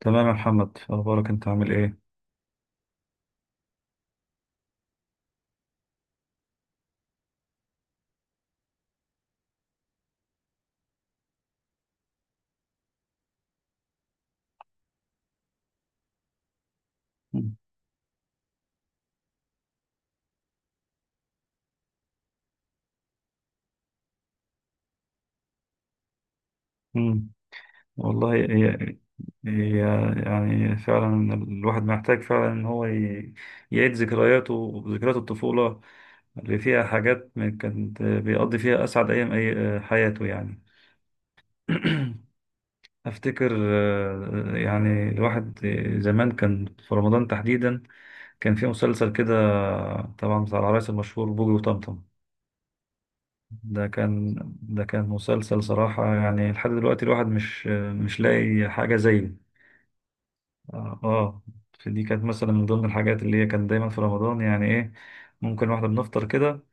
تمام يا محمد، أخبارك؟ أنت عامل إيه؟ مم. مم. والله، هي يعني فعلا الواحد محتاج فعلا إن هو يعيد ذكرياته، ذكريات الطفولة اللي فيها حاجات كانت بيقضي فيها أسعد أيام أي حياته يعني. أفتكر، يعني الواحد زمان كان في رمضان تحديدا كان في مسلسل كده، طبعا بتاع العرايس المشهور، بوجي وطمطم. ده كان ده كان مسلسل صراحة، يعني لحد دلوقتي الواحد مش لاقي حاجة زيه. اه، آه. فدي كانت مثلا من ضمن الحاجات اللي هي كان دايما في رمضان، يعني ايه ممكن واحنا بنفطر كده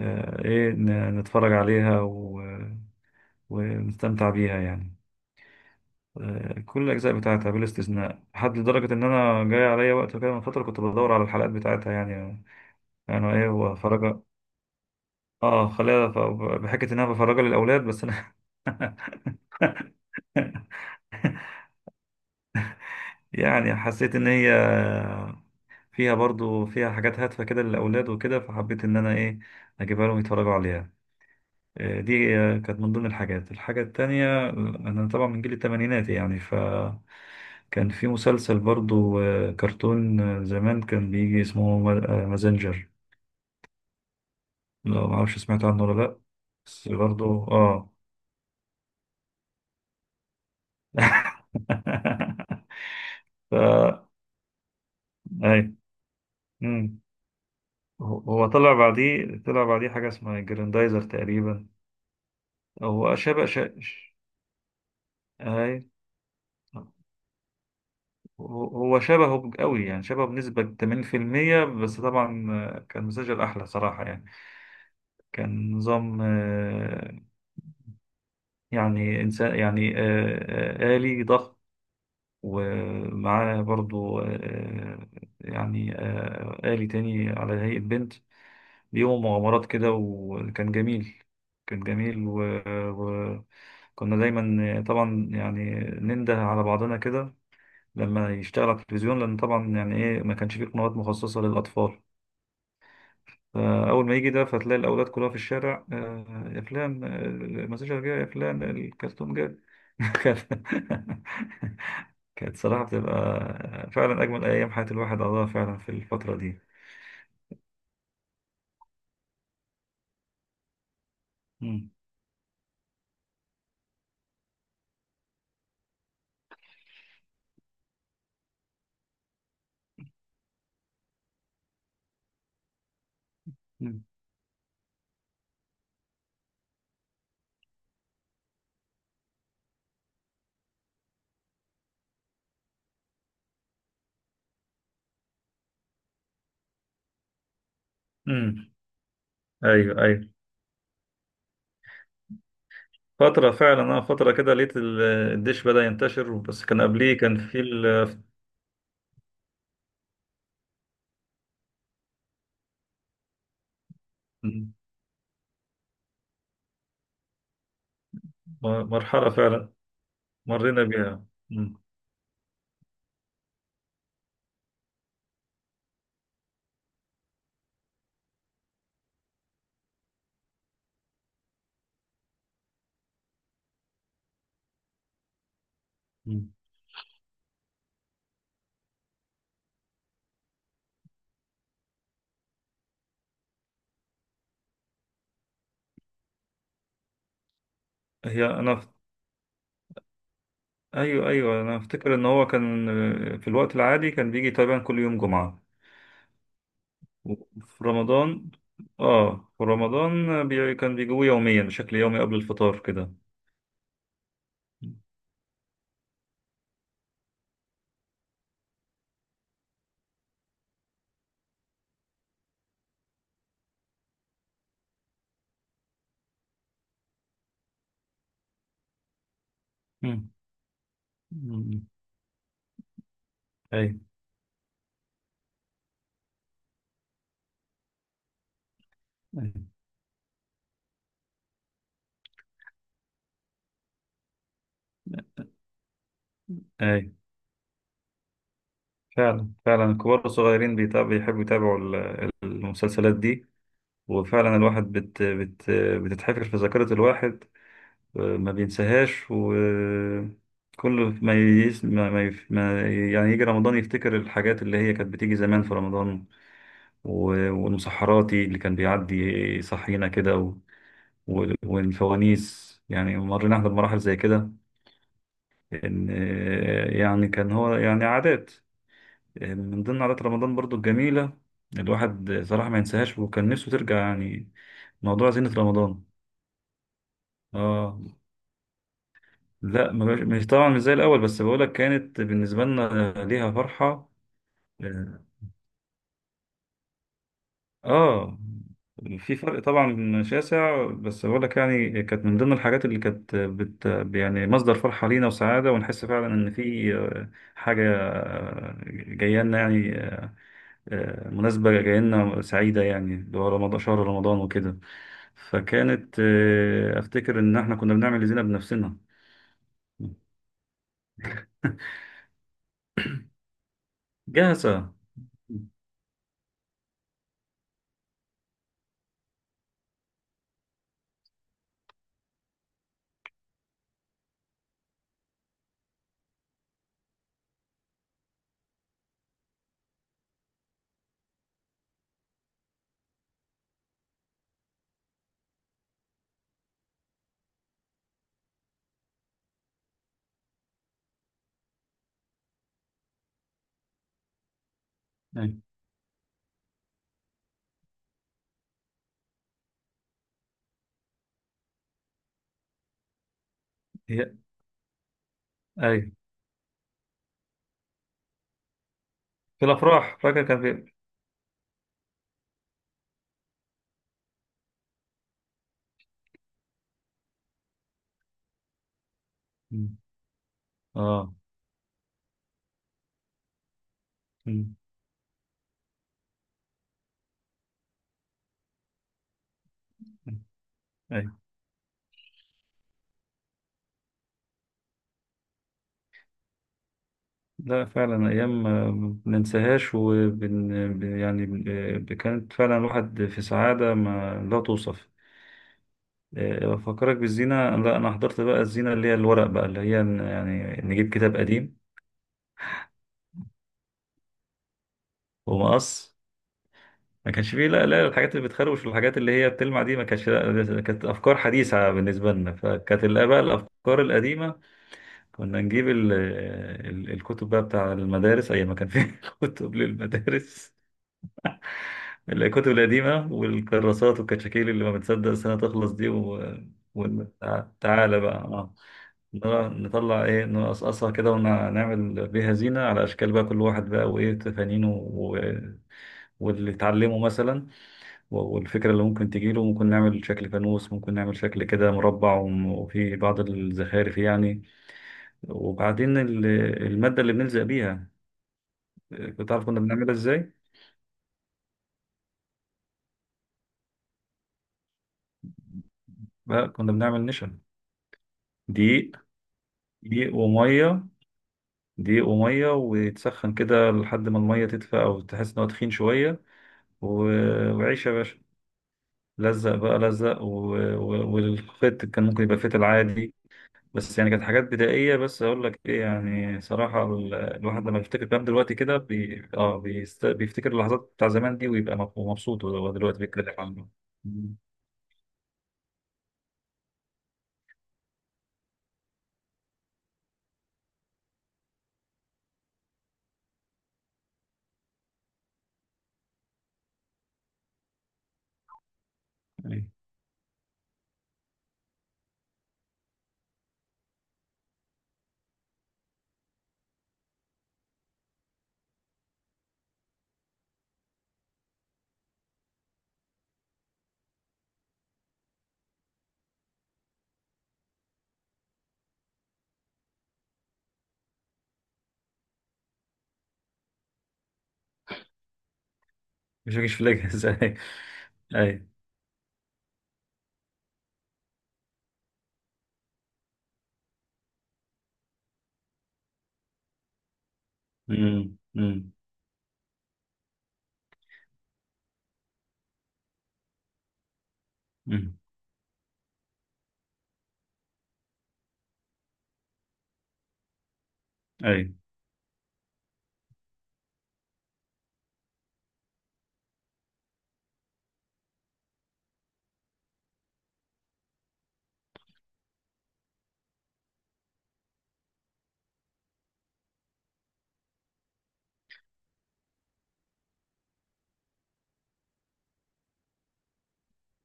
ايه نتفرج عليها و... ونستمتع بيها يعني. كل الأجزاء بتاعتها بلا استثناء، لحد لدرجة إن أنا جاي عليا وقت كده من فترة كنت بدور على الحلقات بتاعتها يعني، أنا إيه وأفرجها. خليها بحكة إن أنا بفرجها للأولاد، بس أنا يعني حسيت ان هي فيها برضو فيها حاجات هادفة كده للأولاد وكده، فحبيت ان انا ايه اجيبها لهم يتفرجوا عليها. إيه، دي كانت من ضمن الحاجات. الحاجة التانية، انا طبعا من جيل التمانينات يعني، فكان في مسلسل برضو، كرتون، زمان كان بيجي اسمه مازنجر. لو معرفش سمعت عنه ولا لأ. بس برضو اه ف اي. مم. هو طلع بعديه حاجة اسمها جراندايزر تقريبا. هو شبه ش... ش- هاي هو هو شبهه قوي يعني، شبهه بنسبة 80%، بس طبعا كان مسجل أحلى صراحة يعني. كان نظام يعني إنسان، يعني آلي ضخم، ومعاه برضو، يعني آلي تاني على هيئة بنت. ليهم مغامرات كده وكان جميل، كان جميل. و... و... كنا دايما طبعا يعني ننده على بعضنا كده لما يشتغل على التلفزيون، لان طبعا يعني ايه ما كانش فيه قنوات مخصصه للاطفال. فاول ما يجي ده فتلاقي الاولاد كلها في الشارع، يا فلان، المساجة جاي، يا فلان الكرتون جاي. كانت كانت صراحه بتبقى فعلا اجمل ايام حياه الواحد، قضاها فعلا في الفتره دي. مم. مم. مم. ايوه، ايوه. فتره فعلا، فتره كده لقيت الدش بدأ ينتشر، بس كان قبليه كان في مم. مرحله فعلا مرينا بيها. مم. مم. هي انا، ايوه ايوه، انا افتكر ان هو كان في الوقت العادي كان بيجي تقريبا كل يوم جمعة، وفي رمضان كان بيجيبوه يوميا بشكل يومي قبل الفطار كده. مم. مم. اي اي اي، فعلا فعلا الكبار والصغيرين بيحبوا يتابعوا المسلسلات دي. وفعلا الواحد بتتحفر في ذاكرة الواحد، ما بينساهاش، وكل ما يس... ما... ما... يف- ما يعني يجي رمضان يفتكر الحاجات اللي هي كانت بتيجي زمان في رمضان، و... والمسحراتي اللي كان بيعدي يصحينا كده، والفوانيس. يعني مرينا احنا بمراحل زي كده، ان يعني كان هو يعني عادات، من ضمن عادات رمضان برضو الجميلة. الواحد صراحة ما ينساهاش، وكان نفسه ترجع يعني موضوع زينة رمضان. اه، لا، ما بقاش- مش طبعا، مش زي الاول، بس بقولك كانت بالنسبه لنا ليها فرحه. اه، آه، في فرق طبعا شاسع، بس بقولك يعني كانت من ضمن الحاجات اللي كانت يعني مصدر فرحه لينا وسعاده، ونحس فعلا ان في حاجه جايه لنا يعني، مناسبه جايه لنا سعيده يعني، اللي هو رمضان، شهر رمضان وكده. فكانت افتكر ان احنا كنا بنعمل اللي زينا بنفسنا. جاهزه. أيوة. هي- أيوة. في الأفراح فاكر كان في. مم. آه مم. مم. أيوة. لا فعلا أيام ما بننساهاش، وبن ب- يعني بن- ب- كانت فعلا الواحد في سعادة ما لا توصف. أفكرك بالزينة. لا أنا حضرت بقى الزينة اللي هي الورق بقى، اللي هي يعني نجيب كتاب قديم ومقص. ما كانش فيه، لا لا، الحاجات اللي بتخروش والحاجات اللي هي بتلمع دي ما كانش، لا كانت أفكار حديثة بالنسبة لنا، فكانت بقى الأفكار القديمة. كنا نجيب ال الكتب بقى بتاع المدارس أيام ما كان في كتب للمدارس. الكتب القديمة والكراسات والكشاكيل اللي ما بتصدق السنة تخلص دي، وتعالى بقى، نرى- نطلع ايه نقصقصها كده ونعمل بيها زينة على أشكال، بقى كل واحد بقى وإيه تفانينه، واللي اتعلمه مثلا، والفكرة اللي ممكن تجيله. ممكن نعمل شكل فانوس، ممكن نعمل شكل كده مربع، وفي بعض الزخارف يعني. وبعدين المادة اللي بنلزق بيها، كنت تعرف كنا بنعملها ازاي؟ لا، كنا بنعمل نشا، دقيق دقيق، دقيق وميه، ويتسخن كده لحد ما الميه تدفى، او تحس ان هو تخين شويه. وعيش يا باشا، لزق بقى لزق. والخيط كان ممكن يبقى فيت العادي. بس يعني كانت حاجات بدائيه، بس اقول لك ايه يعني صراحه، الواحد لما بيفتكر الكلام دلوقتي كده بيفتكر اللحظات بتاع زمان دي، ويبقى مبسوط وهو دلوقتي بيتكلم عنه. مم. أيوة. مش هجيش في الاجهزه اي اي. مم. أي.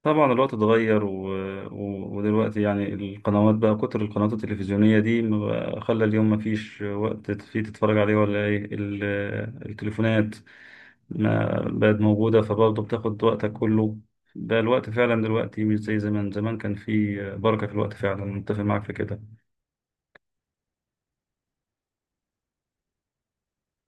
طبعا الوقت اتغير، ودلوقتي يعني القنوات بقى، كتر القنوات التلفزيونية دي، ما بقى- خلى اليوم ما فيش وقت فيه تتفرج عليه، ولا إيه التليفونات ما بقت موجودة فبرضه بتاخد وقتك كله. بقى الوقت فعلا دلوقتي مش زي زمان، زمان كان فيه بركة في الوقت. فعلا متفق معاك في كده